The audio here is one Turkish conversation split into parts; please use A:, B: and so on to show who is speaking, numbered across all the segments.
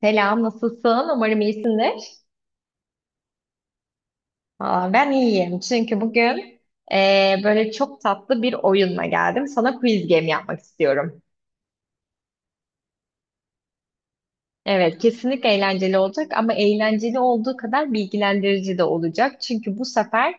A: Selam, nasılsın? Umarım iyisindir. Aa, ben iyiyim çünkü bugün böyle çok tatlı bir oyunla geldim. Sana quiz game yapmak istiyorum. Evet, kesinlikle eğlenceli olacak ama eğlenceli olduğu kadar bilgilendirici de olacak. Çünkü bu sefer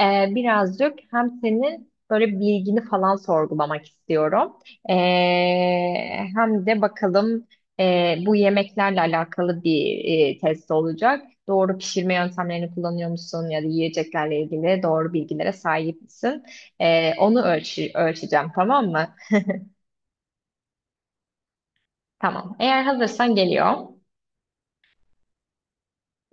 A: birazcık hem senin böyle bilgini falan sorgulamak istiyorum. E, hem de bakalım bu yemeklerle alakalı bir test olacak. Doğru pişirme yöntemlerini kullanıyor musun ya da yiyeceklerle ilgili doğru bilgilere sahip misin? Onu ölçeceğim, tamam mı? Tamam. Eğer hazırsan geliyor.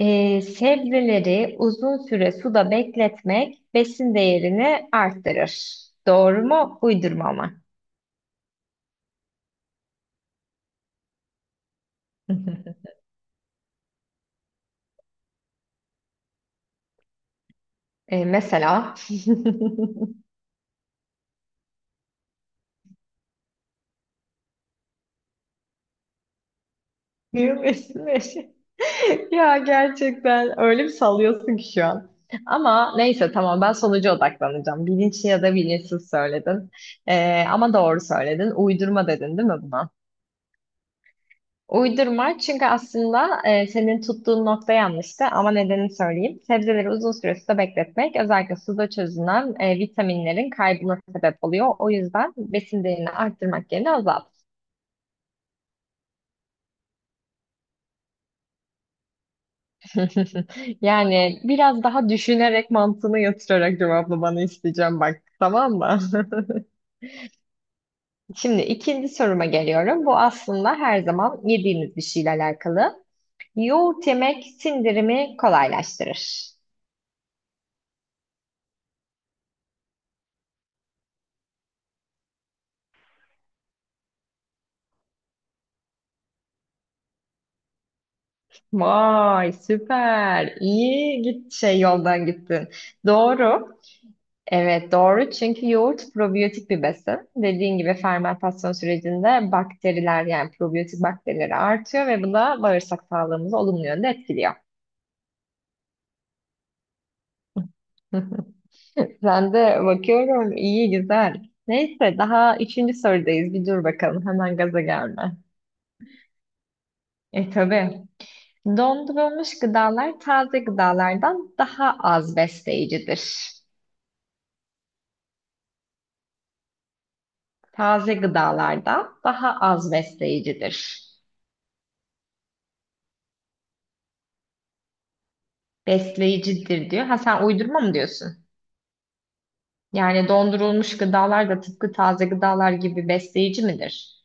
A: Sebzeleri uzun süre suda bekletmek besin değerini arttırır. Doğru mu? Uydurma mı? Mesela. Diyor besin. Ya gerçekten öyle bir sallıyorsun ki şu an. Ama neyse, tamam, ben sonuca odaklanacağım. Bilinçli ya da bilinçsiz söyledin. Ama doğru söyledin. Uydurma dedin değil mi buna? Uydurma, çünkü aslında senin tuttuğun nokta yanlıştı ama nedenini söyleyeyim. Sebzeleri uzun süre suda bekletmek, özellikle suda çözünen vitaminlerin kaybına sebep oluyor. O yüzden besin değerini arttırmak yerine azalt. Yani biraz daha düşünerek, mantığını yatırarak cevaplamanı isteyeceğim, bak, tamam mı? Şimdi ikinci soruma geliyorum. Bu aslında her zaman yediğimiz bir şeyle alakalı. Yoğurt yemek sindirimi kolaylaştırır. Vay, süper. İyi git, şey, yoldan gittin. Doğru. Evet, doğru çünkü yoğurt probiyotik bir besin. Dediğin gibi fermentasyon sürecinde bakteriler, yani probiyotik bakterileri artıyor ve bu da bağırsak sağlığımızı olumlu yönde etkiliyor. Ben de bakıyorum, iyi güzel. Neyse, daha üçüncü sorudayız. Bir dur bakalım, hemen gaza gelme. E tabii. Dondurulmuş gıdalar taze gıdalardan daha az besleyicidir. Taze gıdalardan daha az besleyicidir. Besleyicidir diyor. Ha, sen uydurma mı diyorsun? Yani dondurulmuş gıdalar da tıpkı taze gıdalar gibi besleyici midir?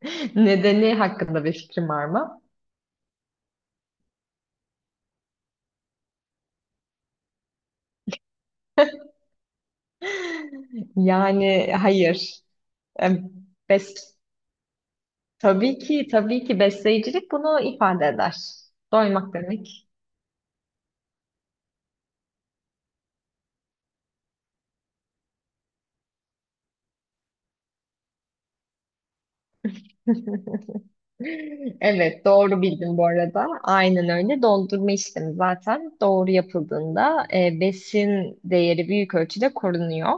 A: Nedeni hakkında bir fikrim var mı? Yani hayır. E, Bes tabii ki tabii ki besleyicilik bunu ifade eder. Doymak demek. Evet, doğru bildin bu arada. Aynen öyle. Dondurma işlemi zaten doğru yapıldığında besin değeri büyük ölçüde korunuyor.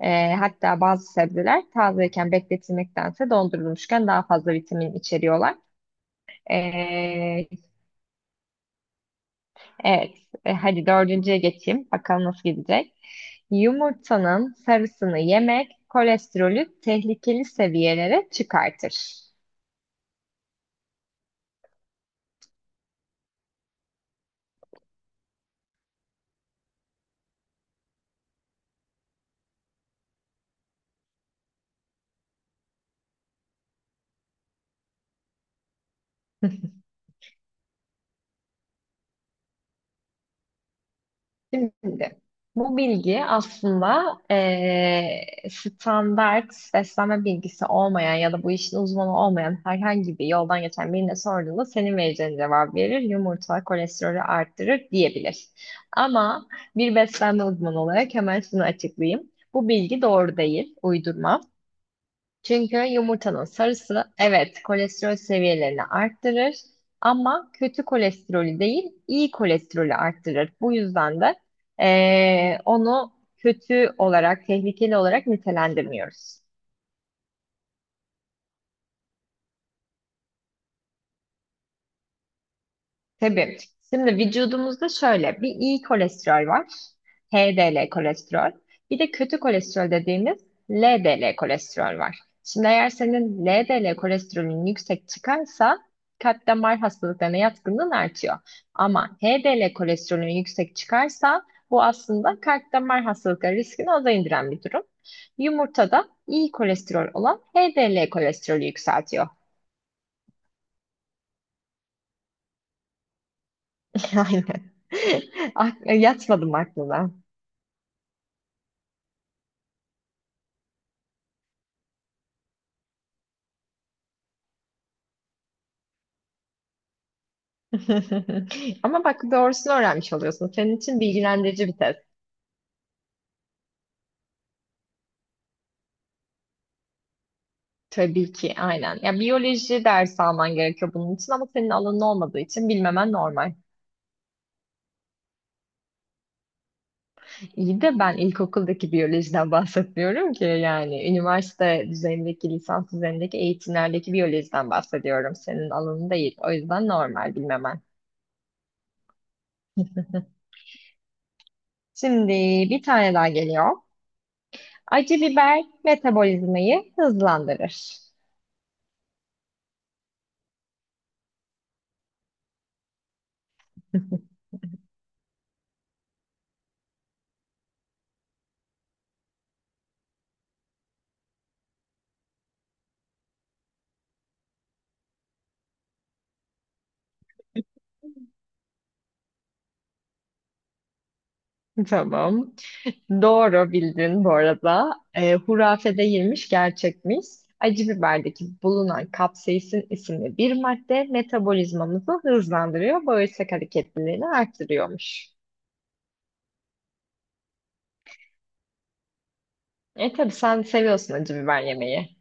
A: Hatta bazı sebzeler tazeyken bekletilmektense, dondurulmuşken daha fazla vitamin içeriyorlar. E, Evet, hadi dördüncüye geçeyim. Bakalım nasıl gidecek. Yumurtanın sarısını yemek kolesterolü tehlikeli seviyelere çıkartır. Şimdi bu bilgi aslında standart beslenme bilgisi olmayan ya da bu işin uzmanı olmayan herhangi bir yoldan geçen birine sorduğunda senin vereceğin cevap verir. Yumurta kolesterolü arttırır diyebilir. Ama bir beslenme uzmanı olarak hemen şunu açıklayayım. Bu bilgi doğru değil, uydurma. Çünkü yumurtanın sarısı, evet, kolesterol seviyelerini arttırır ama kötü kolesterolü değil, iyi kolesterolü arttırır. Bu yüzden de onu kötü olarak, tehlikeli olarak nitelendirmiyoruz. Tabii. Şimdi vücudumuzda şöyle bir iyi kolesterol var. HDL kolesterol. Bir de kötü kolesterol dediğimiz LDL kolesterol var. Şimdi eğer senin LDL kolesterolün yüksek çıkarsa kalp damar hastalıklarına yatkınlığın artıyor. Ama HDL kolesterolün yüksek çıkarsa bu aslında kalp damar hastalıkları riskini aza indiren bir durum. Yumurtada iyi kolesterol olan HDL kolesterolü yükseltiyor. Aynen. Yatmadım aklına. Ama bak, doğrusunu öğrenmiş oluyorsun. Senin için bilgilendirici bir test. Tabii ki, aynen. Ya, biyoloji dersi alman gerekiyor bunun için ama senin alanın olmadığı için bilmemen normal. İyi de ben ilkokuldaki biyolojiden bahsetmiyorum ki, yani üniversite düzeyindeki, lisans düzeyindeki eğitimlerdeki biyolojiden bahsediyorum. Senin alanın değil. O yüzden normal bilmemen. Şimdi bir tane daha geliyor. Acı biber metabolizmayı hızlandırır. Tamam. Doğru bildin bu arada. Hurafede yirmiş gerçekmiş. Acı biberdeki bulunan kapsaisin isimli bir madde metabolizmamızı hızlandırıyor, bağırsak hareketliliğini arttırıyormuş. E tabii, sen seviyorsun acı biber yemeyi.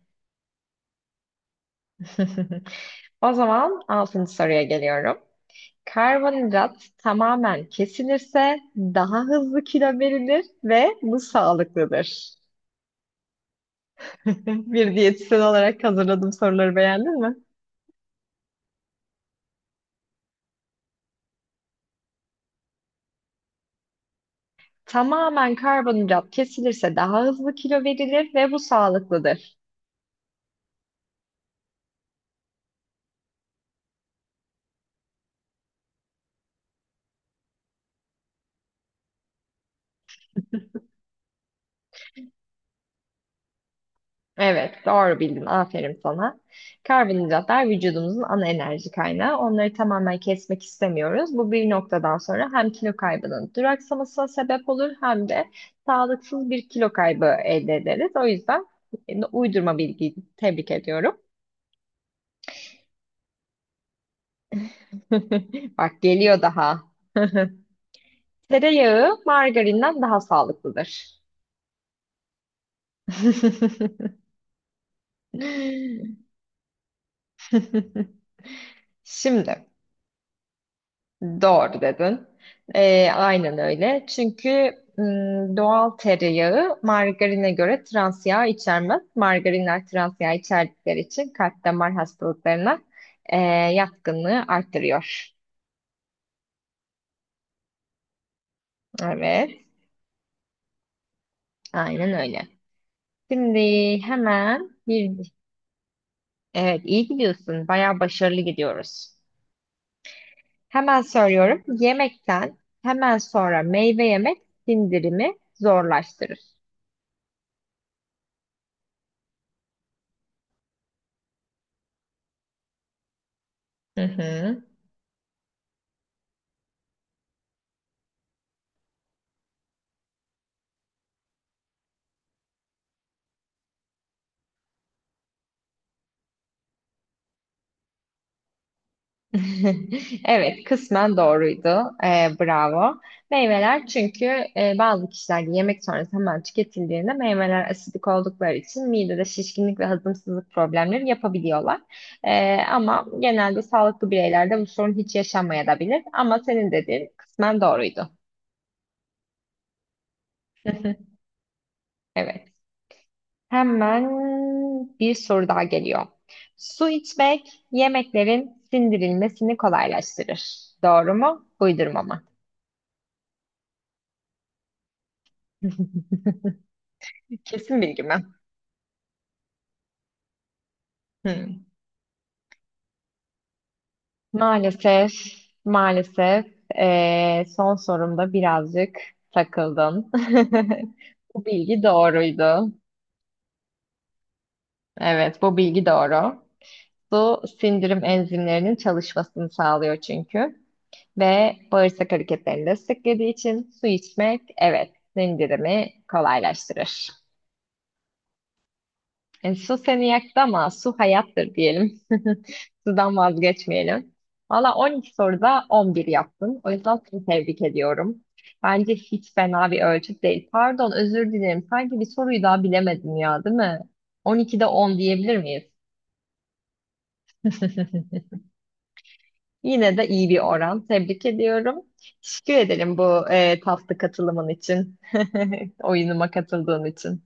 A: O zaman altıncı soruya geliyorum. Karbonhidrat tamamen kesilirse daha hızlı kilo verilir ve bu sağlıklıdır. Bir diyetisyen olarak hazırladığım soruları beğendin. Tamamen karbonhidrat kesilirse daha hızlı kilo verilir ve bu sağlıklıdır. Evet, doğru bildin. Aferin sana. Karbonhidratlar vücudumuzun ana enerji kaynağı. Onları tamamen kesmek istemiyoruz. Bu bir noktadan sonra hem kilo kaybının duraksamasına sebep olur hem de sağlıksız bir kilo kaybı elde ederiz. O yüzden uydurma bilgiyi tebrik ediyorum. Bak, geliyor daha. Tereyağı margarinden daha sağlıklıdır. Şimdi doğru dedin. Aynen öyle. Çünkü doğal tereyağı margarine göre trans yağ içermez. Margarinler trans yağ içerdikleri için kalp damar hastalıklarına e, yatkınlığı arttırıyor. Evet, aynen öyle. Şimdi hemen bir, evet, iyi gidiyorsun. Bayağı başarılı gidiyoruz. Hemen söylüyorum. Yemekten hemen sonra meyve yemek sindirimi zorlaştırır. Hı hı. Evet, kısmen doğruydu. Bravo. Meyveler çünkü bazı kişilerde yemek sonrası hemen tüketildiğinde meyveler asidik oldukları için midede şişkinlik ve hazımsızlık problemleri yapabiliyorlar. Ama genelde sağlıklı bireylerde bu sorun hiç yaşanmayabilir. Ama senin dediğin kısmen doğruydu. Evet. Hemen bir soru daha geliyor. Su içmek yemeklerin sindirilmesini kolaylaştırır. Doğru mu? Uydurma mı? Kesin bilgi mi? Hmm. Maalesef, maalesef, son sorumda birazcık takıldın. Bu bilgi doğruydu. Evet, bu bilgi doğru. Su sindirim enzimlerinin çalışmasını sağlıyor çünkü. Ve bağırsak hareketlerini desteklediği için su içmek, evet, sindirimi kolaylaştırır. Su seni yaktı ama su hayattır diyelim. Sudan vazgeçmeyelim. Valla 12 soruda 11 yaptın. O yüzden seni tebrik ediyorum. Bence hiç fena bir ölçüt değil. Pardon, özür dilerim. Sanki bir soruyu daha bilemedin ya, değil mi? 12'de 10 diyebilir miyiz? Yine de iyi bir oran. Tebrik ediyorum. Teşekkür ederim bu tatlı katılımın için. Oyunuma katıldığın için.